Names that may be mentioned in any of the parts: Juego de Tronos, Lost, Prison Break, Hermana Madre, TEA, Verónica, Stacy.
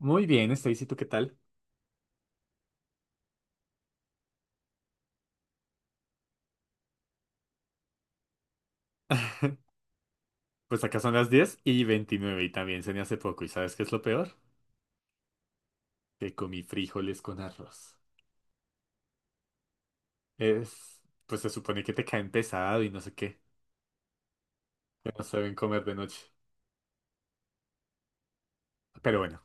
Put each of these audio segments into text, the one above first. Muy bien, Stacy, ¿tú qué tal? Pues acá son las 10:29 y también cené hace poco. ¿Y sabes qué es lo peor? Que comí frijoles con arroz. Es, pues se supone que te caen pesado y no sé qué. Que no saben comer de noche. Pero bueno,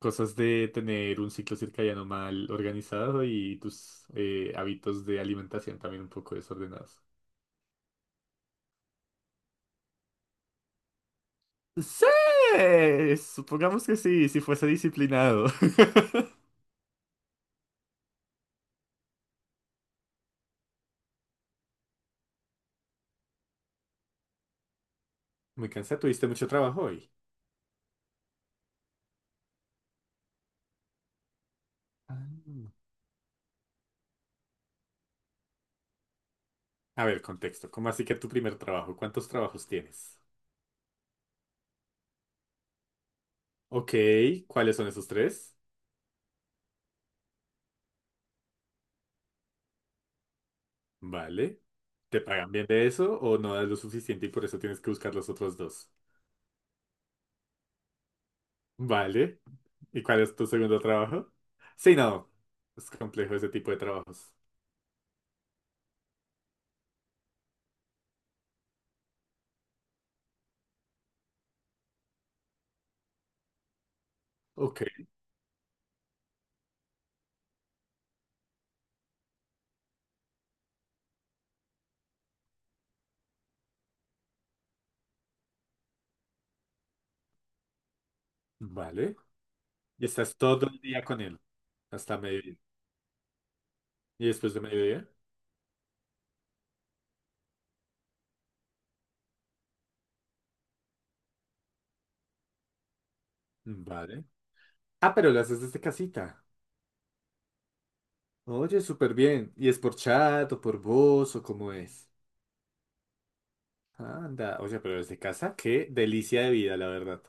cosas de tener un ciclo circadiano mal organizado y tus hábitos de alimentación también un poco desordenados. Sí, supongamos que sí, si fuese disciplinado. Me cansé, tuviste mucho trabajo hoy. Ah. A ver, contexto. ¿Cómo así que tu primer trabajo? ¿Cuántos trabajos tienes? Ok, ¿cuáles son esos tres? Vale. ¿Te pagan bien de eso o no das lo suficiente y por eso tienes que buscar los otros dos? Vale. ¿Y cuál es tu segundo trabajo? Sí, no. Es complejo ese tipo de trabajos. Ok, vale. Y estás todo el día con él, hasta mediodía. ¿Y después de mediodía? Vale. Ah, pero lo haces desde casita. Oye, súper bien. ¿Y es por chat o por voz o cómo es? Anda, oye, pero desde casa, qué delicia de vida, la verdad.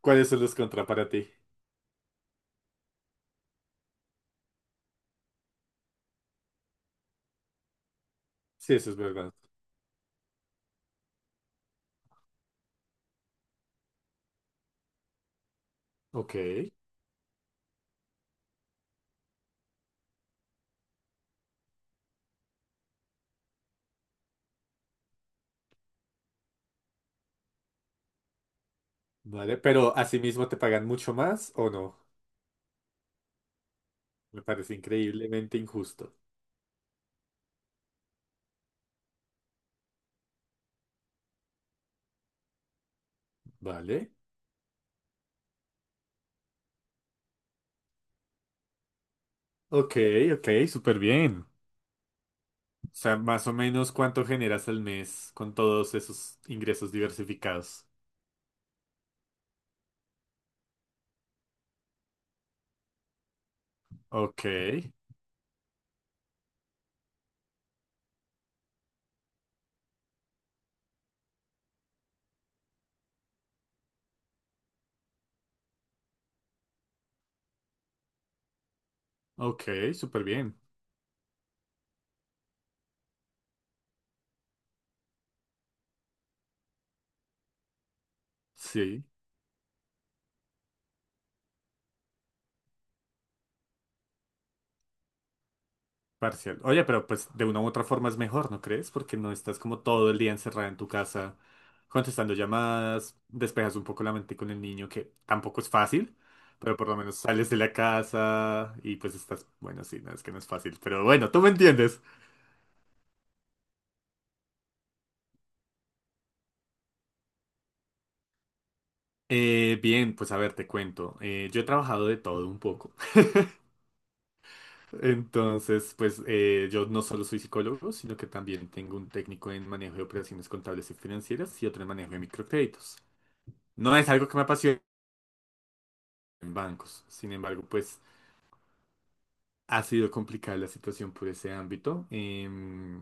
¿Cuáles son los contras para ti? Sí, eso es verdad. Ok, vale, ¿pero asimismo te pagan mucho más o no? Me parece increíblemente injusto. Vale. Ok, ok, súper bien. O sea, más o menos cuánto generas al mes con todos esos ingresos diversificados. Ok, ok, súper bien. Sí. Parcial. Oye, pero pues de una u otra forma es mejor, ¿no crees? Porque no estás como todo el día encerrada en tu casa contestando llamadas, despejas un poco la mente con el niño, que tampoco es fácil, pero por lo menos sales de la casa y pues estás, bueno, sí, no es que no es fácil, pero bueno, tú me entiendes. Bien, pues a ver, te cuento. Yo he trabajado de todo un poco. Entonces, pues yo no solo soy psicólogo, sino que también tengo un técnico en manejo de operaciones contables y financieras y otro en manejo de microcréditos. No es algo que me apasione en bancos. Sin embargo, pues ha sido complicada la situación por ese ámbito.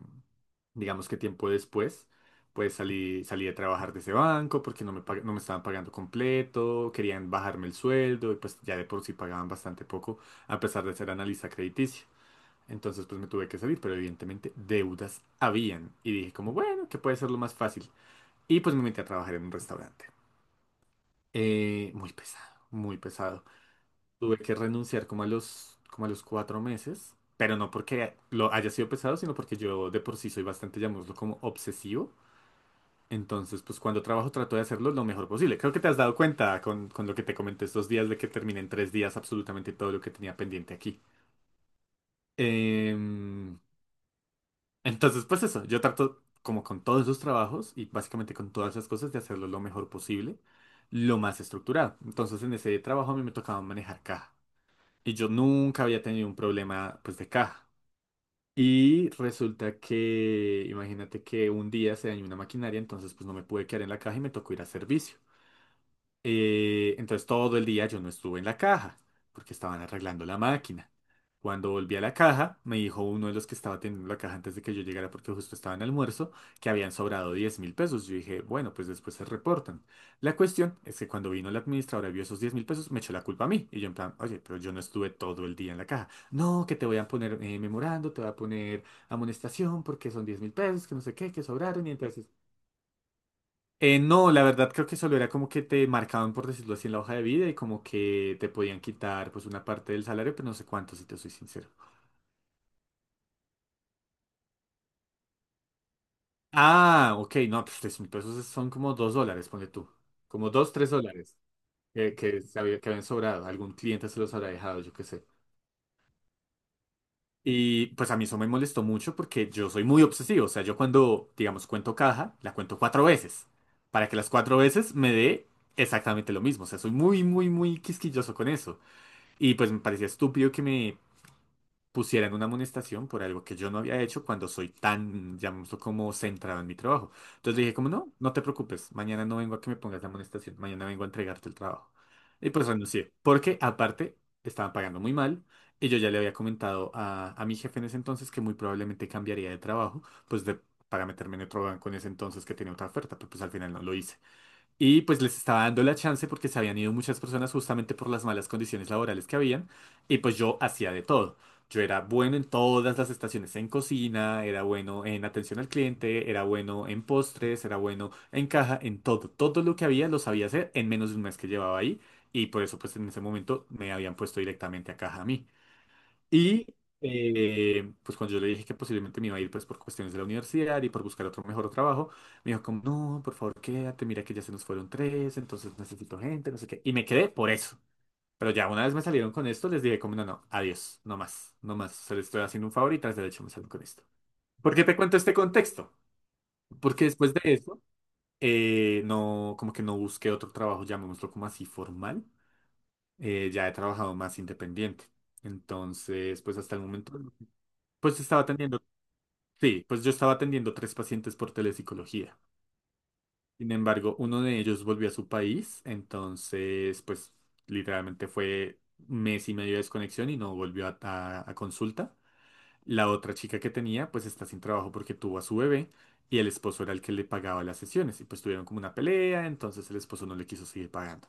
Digamos que tiempo después, pues salí a trabajar de ese banco porque no me estaban pagando completo, querían bajarme el sueldo y pues ya de por sí pagaban bastante poco a pesar de ser analista crediticio. Entonces pues me tuve que salir, pero evidentemente deudas habían. Y dije como, bueno, que puede ser lo más fácil. Y pues me metí a trabajar en un restaurante. Muy pesado, muy pesado. Tuve que renunciar como a los 4 meses, pero no porque lo haya sido pesado, sino porque yo de por sí soy bastante, llamémoslo como obsesivo. Entonces, pues cuando trabajo trato de hacerlo lo mejor posible. Creo que te has dado cuenta con lo que te comenté estos días de que terminé en 3 días absolutamente todo lo que tenía pendiente aquí. Em, entonces, pues eso, yo trato como con todos esos trabajos y básicamente con todas esas cosas de hacerlo lo mejor posible, lo más estructurado. Entonces, en ese trabajo a mí me tocaba manejar caja. Y yo nunca había tenido un problema pues de caja. Y resulta que, imagínate que un día se dañó una maquinaria, entonces pues no me pude quedar en la caja y me tocó ir a servicio. Entonces todo el día yo no estuve en la caja porque estaban arreglando la máquina. Cuando volví a la caja, me dijo uno de los que estaba teniendo la caja antes de que yo llegara porque justo estaba en almuerzo, que habían sobrado 10.000 pesos. Yo dije, bueno, pues después se reportan. La cuestión es que cuando vino la administradora y vio esos 10.000 pesos, me echó la culpa a mí. Y yo en plan, oye, pero yo no estuve todo el día en la caja. No, que te voy a poner memorando, te voy a poner amonestación porque son 10.000 pesos, que no sé qué, que sobraron y entonces no, la verdad creo que solo era como que te marcaban, por decirlo así, en la hoja de vida y como que te podían quitar pues una parte del salario, pero no sé cuánto, si te soy sincero. Ah, ok, no, pues 3.000 pesos son como $2, ponle tú. Como dos, tres dólares que habían sobrado. Algún cliente se los habrá dejado, yo qué sé. Y pues a mí eso me molestó mucho porque yo soy muy obsesivo. O sea, yo cuando, digamos, cuento caja, la cuento cuatro veces. Para que las cuatro veces me dé exactamente lo mismo. O sea, soy muy, muy, muy quisquilloso con eso. Y pues me parecía estúpido que me pusieran una amonestación por algo que yo no había hecho cuando soy tan, llamémoslo como centrado en mi trabajo. Entonces le dije como, no, no te preocupes, mañana no vengo a que me pongas la amonestación, mañana vengo a entregarte el trabajo. Y pues renuncié, porque aparte estaban pagando muy mal y yo ya le había comentado a mi jefe en ese entonces que muy probablemente cambiaría de trabajo, pues para meterme en otro banco en ese entonces que tenía otra oferta, pero pues al final no lo hice. Y pues les estaba dando la chance porque se habían ido muchas personas justamente por las malas condiciones laborales que habían. Y pues yo hacía de todo. Yo era bueno en todas las estaciones, en cocina, era bueno en atención al cliente, era bueno en postres, era bueno en caja, en todo. Todo lo que había lo sabía hacer en menos de un mes que llevaba ahí. Y por eso pues en ese momento me habían puesto directamente a caja a mí. Y pues cuando yo le dije que posiblemente me iba a ir pues por cuestiones de la universidad y por buscar otro mejor trabajo, me dijo como, no, por favor quédate, mira que ya se nos fueron tres, entonces necesito gente, no sé qué. Y me quedé por eso. Pero ya una vez me salieron con esto, les dije como, no, no, adiós, no más, no más. Se les estoy haciendo un favor y tras derecho me salen con esto. ¿Por qué te cuento este contexto? Porque después de eso, no, como que no busqué otro trabajo, llamémoslo como así formal. Ya he trabajado más independiente. Entonces, pues hasta el momento. Pues estaba atendiendo, sí, pues yo estaba atendiendo 3 pacientes por telepsicología. Sin embargo, uno de ellos volvió a su país, entonces, pues literalmente fue mes y medio de desconexión y no volvió a consulta. La otra chica que tenía, pues está sin trabajo porque tuvo a su bebé y el esposo era el que le pagaba las sesiones y pues tuvieron como una pelea, entonces el esposo no le quiso seguir pagando.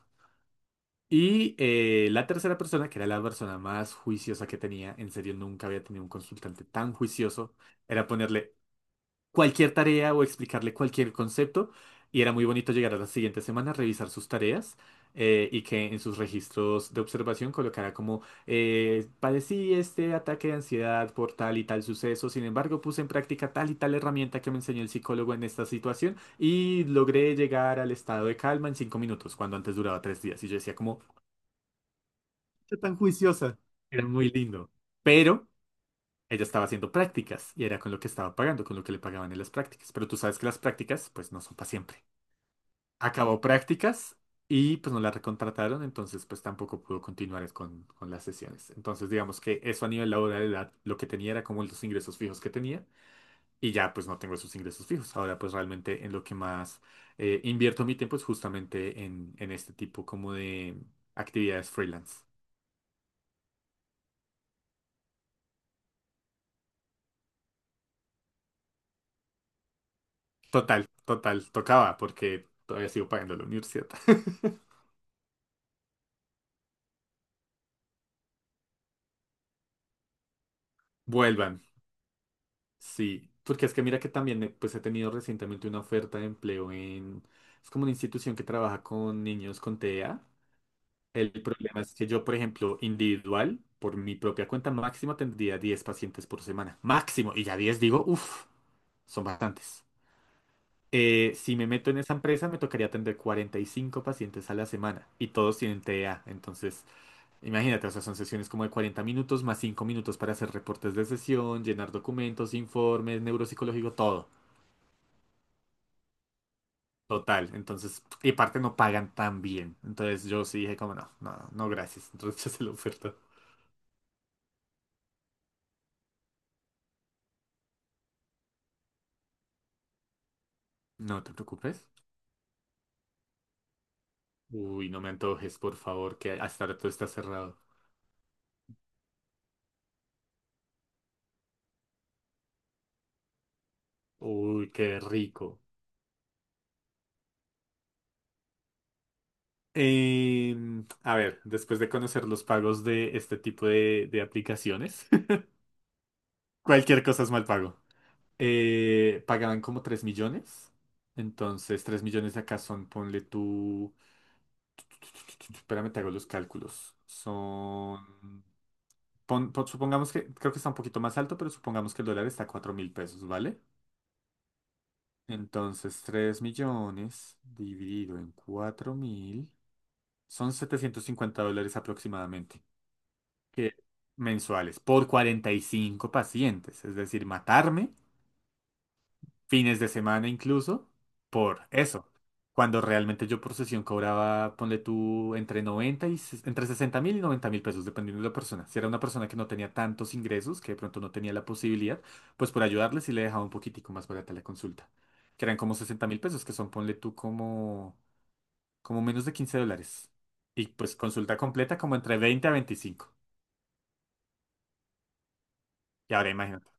Y la tercera persona, que era la persona más juiciosa que tenía, en serio nunca había tenido un consultante tan juicioso, era ponerle cualquier tarea o explicarle cualquier concepto. Y era muy bonito llegar a la siguiente semana, revisar sus tareas y que en sus registros de observación colocara como padecí este ataque de ansiedad por tal y tal suceso, sin embargo puse en práctica tal y tal herramienta que me enseñó el psicólogo en esta situación y logré llegar al estado de calma en 5 minutos, cuando antes duraba 3 días. Y yo decía como, "¿Qué tan juiciosa?" Era muy lindo. Pero... Ella estaba haciendo prácticas y era con lo que estaba pagando, con lo que le pagaban en las prácticas. Pero tú sabes que las prácticas, pues no son para siempre. Acabó prácticas y pues no la recontrataron, entonces pues tampoco pudo continuar con las sesiones. Entonces digamos que eso a nivel laboral era lo que tenía, era como los ingresos fijos que tenía y ya pues no tengo esos ingresos fijos. Ahora pues realmente en lo que más invierto mi tiempo es justamente en este tipo como de actividades freelance. Total, total, tocaba porque todavía sigo pagando la universidad. Vuelvan. Sí, porque es que mira que también pues he tenido recientemente una oferta de empleo en... Es como una institución que trabaja con niños con TEA. El problema es que yo, por ejemplo, individual, por mi propia cuenta máximo tendría 10 pacientes por semana. Máximo. Y ya 10 digo, uff, son bastantes. Si me meto en esa empresa, me tocaría atender 45 pacientes a la semana y todos tienen TEA. Entonces, imagínate, o sea, son sesiones como de 40 minutos más 5 minutos para hacer reportes de sesión, llenar documentos, informes, neuropsicológico, todo. Total, entonces, y aparte no pagan tan bien. Entonces yo sí dije como no, no, no, no, gracias. Entonces hice la oferta. No te preocupes. Uy, no me antojes, por favor, que hasta ahora todo está cerrado. Uy, qué rico. A ver, después de conocer los pagos de este tipo de aplicaciones, cualquier cosa es mal pago. Pagaban como 3 millones. Entonces, 3 millones de acá son, ponle tú... Espérame, te hago los cálculos. Son... supongamos que, creo que está un poquito más alto, pero supongamos que el dólar está a 4 mil pesos, ¿vale? Entonces, 3 millones dividido en 4 mil son $750 aproximadamente, que mensuales por 45 pacientes. Es decir, matarme fines de semana incluso, por eso. Cuando realmente yo por sesión cobraba, ponle tú, entre 60.000 y 90.000 pesos, dependiendo de la persona. Si era una persona que no tenía tantos ingresos, que de pronto no tenía la posibilidad, pues por ayudarle sí le dejaba un poquitico más barata la consulta. Que eran como 60.000 pesos, que son, ponle tú, como, como menos de $15. Y pues consulta completa como entre 20 a 25. Y ahora imagínate.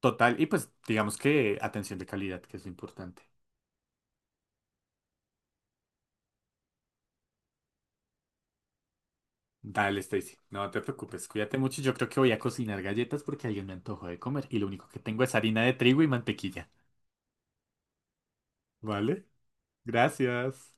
Total, y pues digamos que atención de calidad, que es lo importante. Dale, Stacy. No te preocupes, cuídate mucho. Yo creo que voy a cocinar galletas porque alguien me antojó de comer y lo único que tengo es harina de trigo y mantequilla. ¿Vale? Gracias.